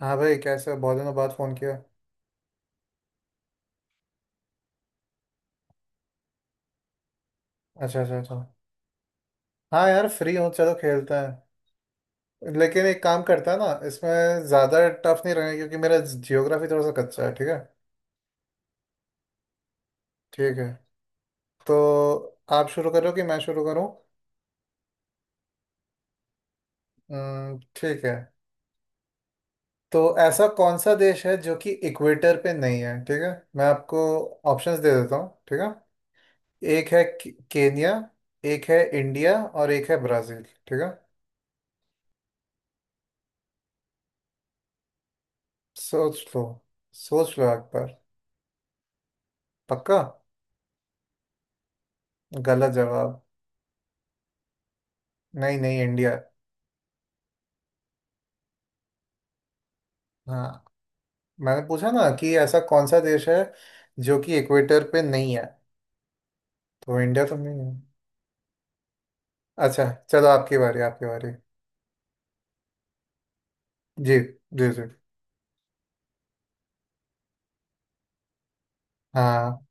हाँ भाई, कैसे हो? बहुत दिनों बाद फोन किया। अच्छा, अच्छा, अच्छा। हाँ यार, फ्री हूँ, चलो खेलते हैं। लेकिन एक काम करता है ना, इसमें ज़्यादा टफ नहीं रहेगा क्योंकि मेरा जियोग्राफी थोड़ा सा कच्चा है, ठीक है। ठीक है, तो आप शुरू करो कि मैं शुरू करूँ? ठीक है। तो ऐसा कौन सा देश है जो कि इक्वेटर पे नहीं है, ठीक है। मैं आपको ऑप्शंस दे देता हूँ, ठीक है। एक है केन्या, एक है इंडिया और एक है ब्राज़ील, ठीक है। सोच लो, सोच लो एक बार। पक्का? गलत जवाब। नहीं, नहीं, इंडिया। हाँ, मैंने पूछा ना कि ऐसा कौन सा देश है जो कि इक्वेटर पे नहीं है, तो इंडिया तो नहीं है। अच्छा। चलो, आपकी बारी, आपकी बारी। जी, जी, जी। हाँ।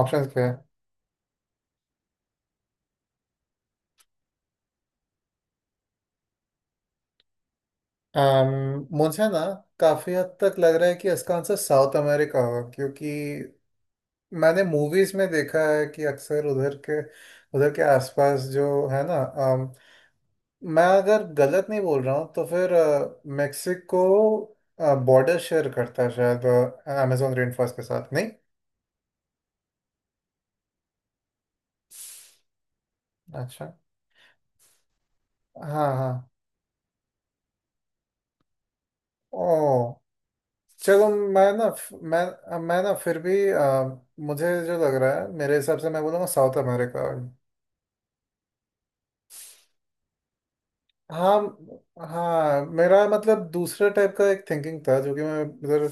ऑप्शंस क्या है? मुझे ना काफी हद तक लग रहा है कि इसका आंसर साउथ अमेरिका होगा, क्योंकि मैंने मूवीज में देखा है कि अक्सर उधर के आसपास जो है ना, मैं अगर गलत नहीं बोल रहा हूँ तो फिर मेक्सिको बॉर्डर शेयर करता है शायद अमेजोन रेन फॉरेस्ट के साथ, नहीं? अच्छा। हाँ, हाँ। ओ, चलो। मैं ना, मैं ना फिर भी मुझे जो लग रहा है, मेरे हिसाब से मैं बोलूँगा साउथ अमेरिका। हाँ, हाँ, मेरा मतलब दूसरे टाइप का एक थिंकिंग था जो कि मैं इधर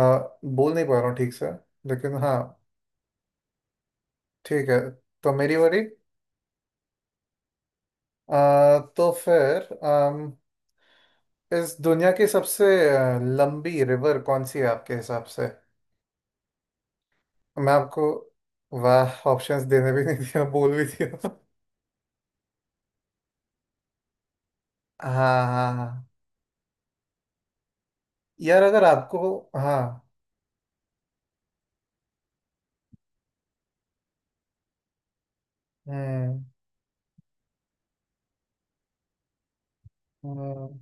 बोल नहीं पा रहा हूँ ठीक से। लेकिन हाँ। ठीक है। तो मेरी बारी। अ, तो फिर इस दुनिया की सबसे लंबी रिवर कौन सी है आपके हिसाब से? मैं आपको वाह, ऑप्शंस देने भी नहीं दिया, बोल भी दिया। हाँ, हाँ, हाँ यार, अगर आपको। हाँ। हम्म, हम्म,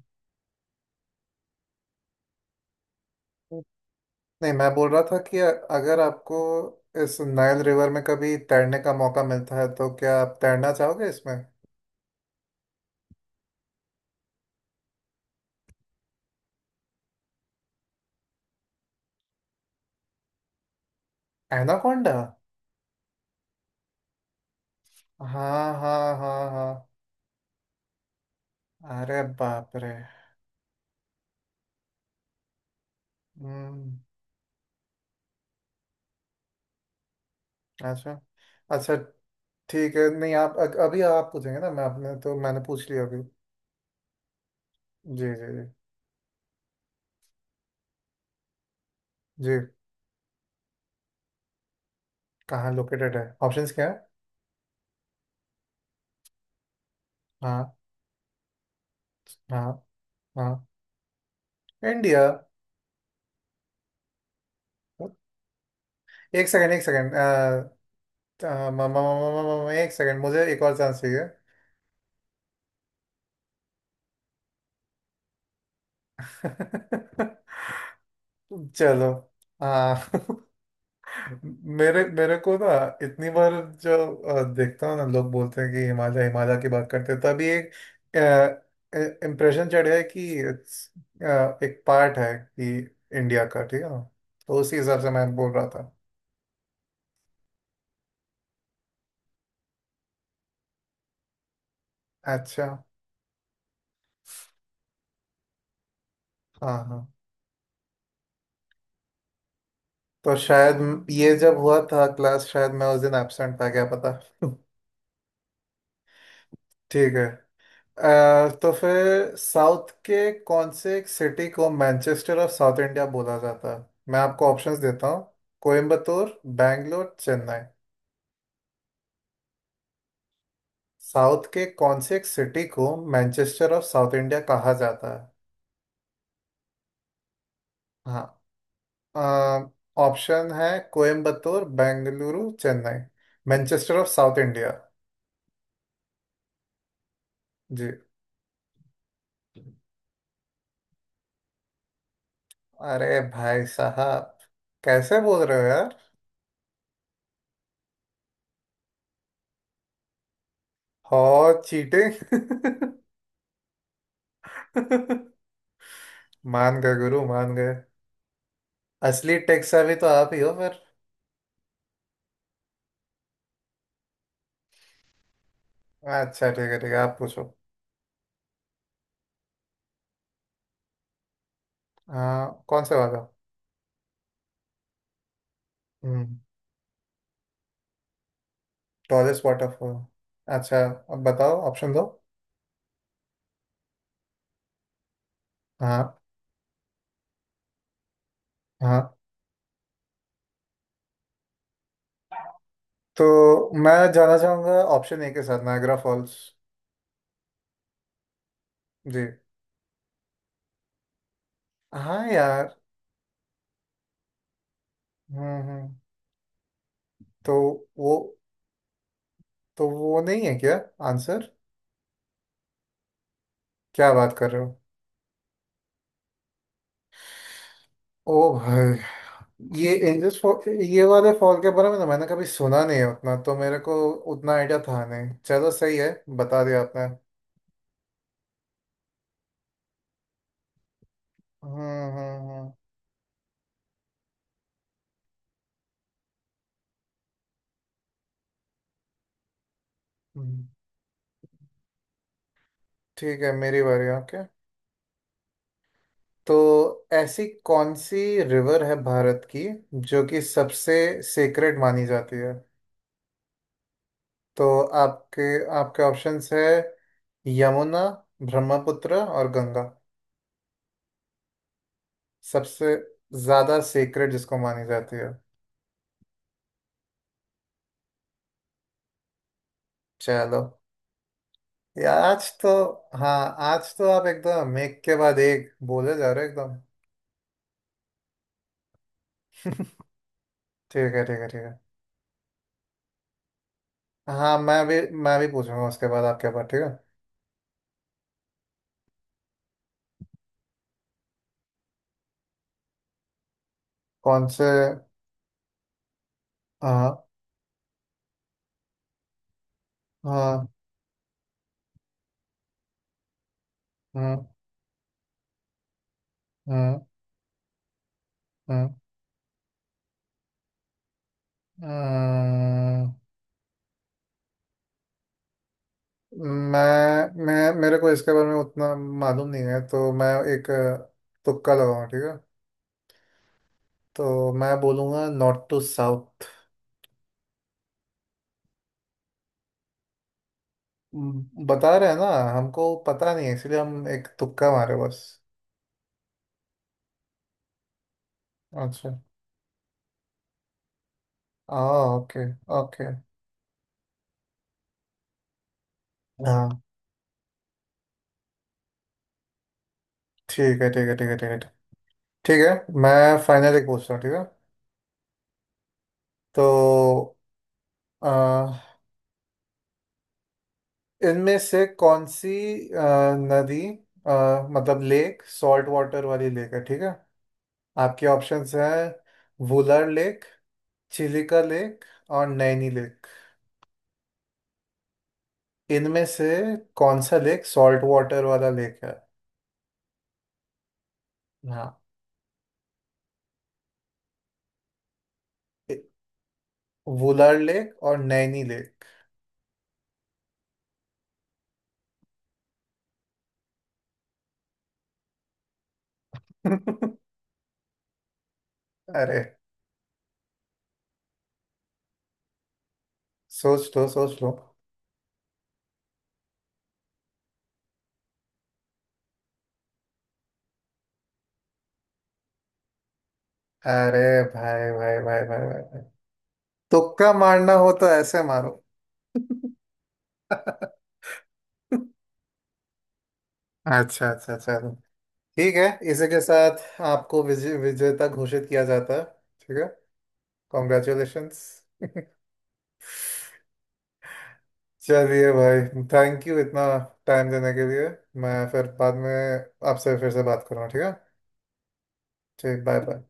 नहीं, मैं बोल रहा था कि अगर आपको इस नाइल रिवर में कभी तैरने का मौका मिलता है तो क्या आप तैरना चाहोगे इसमें? एनाकोंडा? हाँ, हाँ, हाँ, हाँ। अरे बाप रे। हम्म। अच्छा, अच्छा। ठीक है, नहीं आप अभी आप पूछेंगे ना। मैं आपने तो मैंने पूछ लिया अभी। जी, जी, जी, जी। कहाँ लोकेटेड है? ऑप्शंस क्या है? हाँ, हाँ, हाँ। इंडिया। एक सेकंड, एक सेकंड, एक सेकंड, मुझे एक और चांस चाहिए। चलो। हाँ। मेरे मेरे को ना इतनी बार जो देखता हूँ ना, लोग बोलते हैं कि हिमालय हिमालय की बात करते हैं तभी एक इम्प्रेशन चढ़ है कि it's, एक पार्ट है कि इंडिया का, ठीक है ना। तो उसी हिसाब से मैं बोल रहा था। अच्छा। हाँ, हाँ। तो शायद ये जब हुआ था क्लास, शायद मैं उस दिन एब्सेंट था, क्या पता। ठीक है। तो फिर साउथ के कौन से एक सिटी को मैनचेस्टर ऑफ साउथ इंडिया बोला जाता है? मैं आपको ऑप्शंस देता हूँ। कोयम्बतूर, बैंगलोर, चेन्नई। साउथ के कौन से एक सिटी को मैनचेस्टर ऑफ साउथ इंडिया कहा जाता है? हाँ। ऑप्शन है Coimbatore, Bengaluru, Chennai. Manchester of South India. जी। अरे भाई साहब, कैसे बोल रहे हो यार? हो चीटिंग। मान गए गुरु, मान गए। असली टेक्सा भी तो आप ही हो फिर। अच्छा, ठीक है, ठीक है, आप पूछो। हाँ, कौन से वाला? हम्म टॉलेस्ट वाटरफॉल। अच्छा, अब बताओ, ऑप्शन दो। हाँ, हाँ। तो मैं जाना चाहूंगा ऑप्शन ए के साथ, नायग्रा फॉल्स। जी। हाँ यार। हम्म, हम्म। तो वो, तो वो नहीं है क्या आंसर? क्या बात कर रहे हो! ओ भाई, ये इंडस फॉल, ये वाले फॉल के बारे में ना मैंने कभी सुना नहीं है उतना। तो मेरे को उतना आइडिया था नहीं, चलो सही है, बता दिया आपने। हम्म। हम्म। हम्म। ठीक है, मेरी बारी, ओके। तो ऐसी कौन सी रिवर है भारत की जो कि सबसे सेक्रेड मानी जाती है? तो आपके आपके ऑप्शंस है यमुना, ब्रह्मपुत्र और गंगा। सबसे ज्यादा सेक्रेड जिसको मानी जाती है? चलो, ये आज तो। हाँ, आज तो आप एकदम एक के बाद एक बोले जा रहे हो, एकदम। ठीक है, ठीक है, ठीक है। हाँ, मैं भी पूछूंगा उसके बाद, आपके पास, ठीक है। कौन से। आ, आ। हम्म, हम्म, हम्म, हम्म। मैं मेरे को इसके बारे में उतना मालूम नहीं है, तो मैं एक तुक्का लगाऊंगा, ठीक है। तो मैं बोलूँगा नॉर्थ टू साउथ। बता रहे हैं ना, हमको पता नहीं है इसलिए हम एक तुक्का मारे बस। अच्छा। आ। Okay, okay. हाँ। ठीक है, ठीक है, ठीक है, ठीक है। ठीक है, मैं फाइनल एक पूछता हूँ, ठीक है। तो इनमें से कौन सी अ, नदी, मतलब लेक, सॉल्ट वाटर वाली लेक है, ठीक है। आपके ऑप्शंस हैं वुलर लेक, चिलिका लेक और नैनी लेक। इनमें से कौन सा लेक सॉल्ट वाटर वाला लेक है? हाँ। ए- वुलर लेक और नैनी लेक। अरे, सोच लो, सोच लो। अरे भाई, भाई, भाई, भाई, भाई, भाई। तुक्का मारना हो तो ऐसे मारो। अच्छा, अच्छा, चलो, ठीक है। इसी के साथ आपको विजेता घोषित किया जाता है, ठीक है। कॉन्ग्रेचुलेशंस। चलिए भाई, थैंक यू इतना टाइम देने के लिए। मैं फिर बाद में आपसे फिर से बात करूँगा, ठीक है। ठीक, बाय, बाय।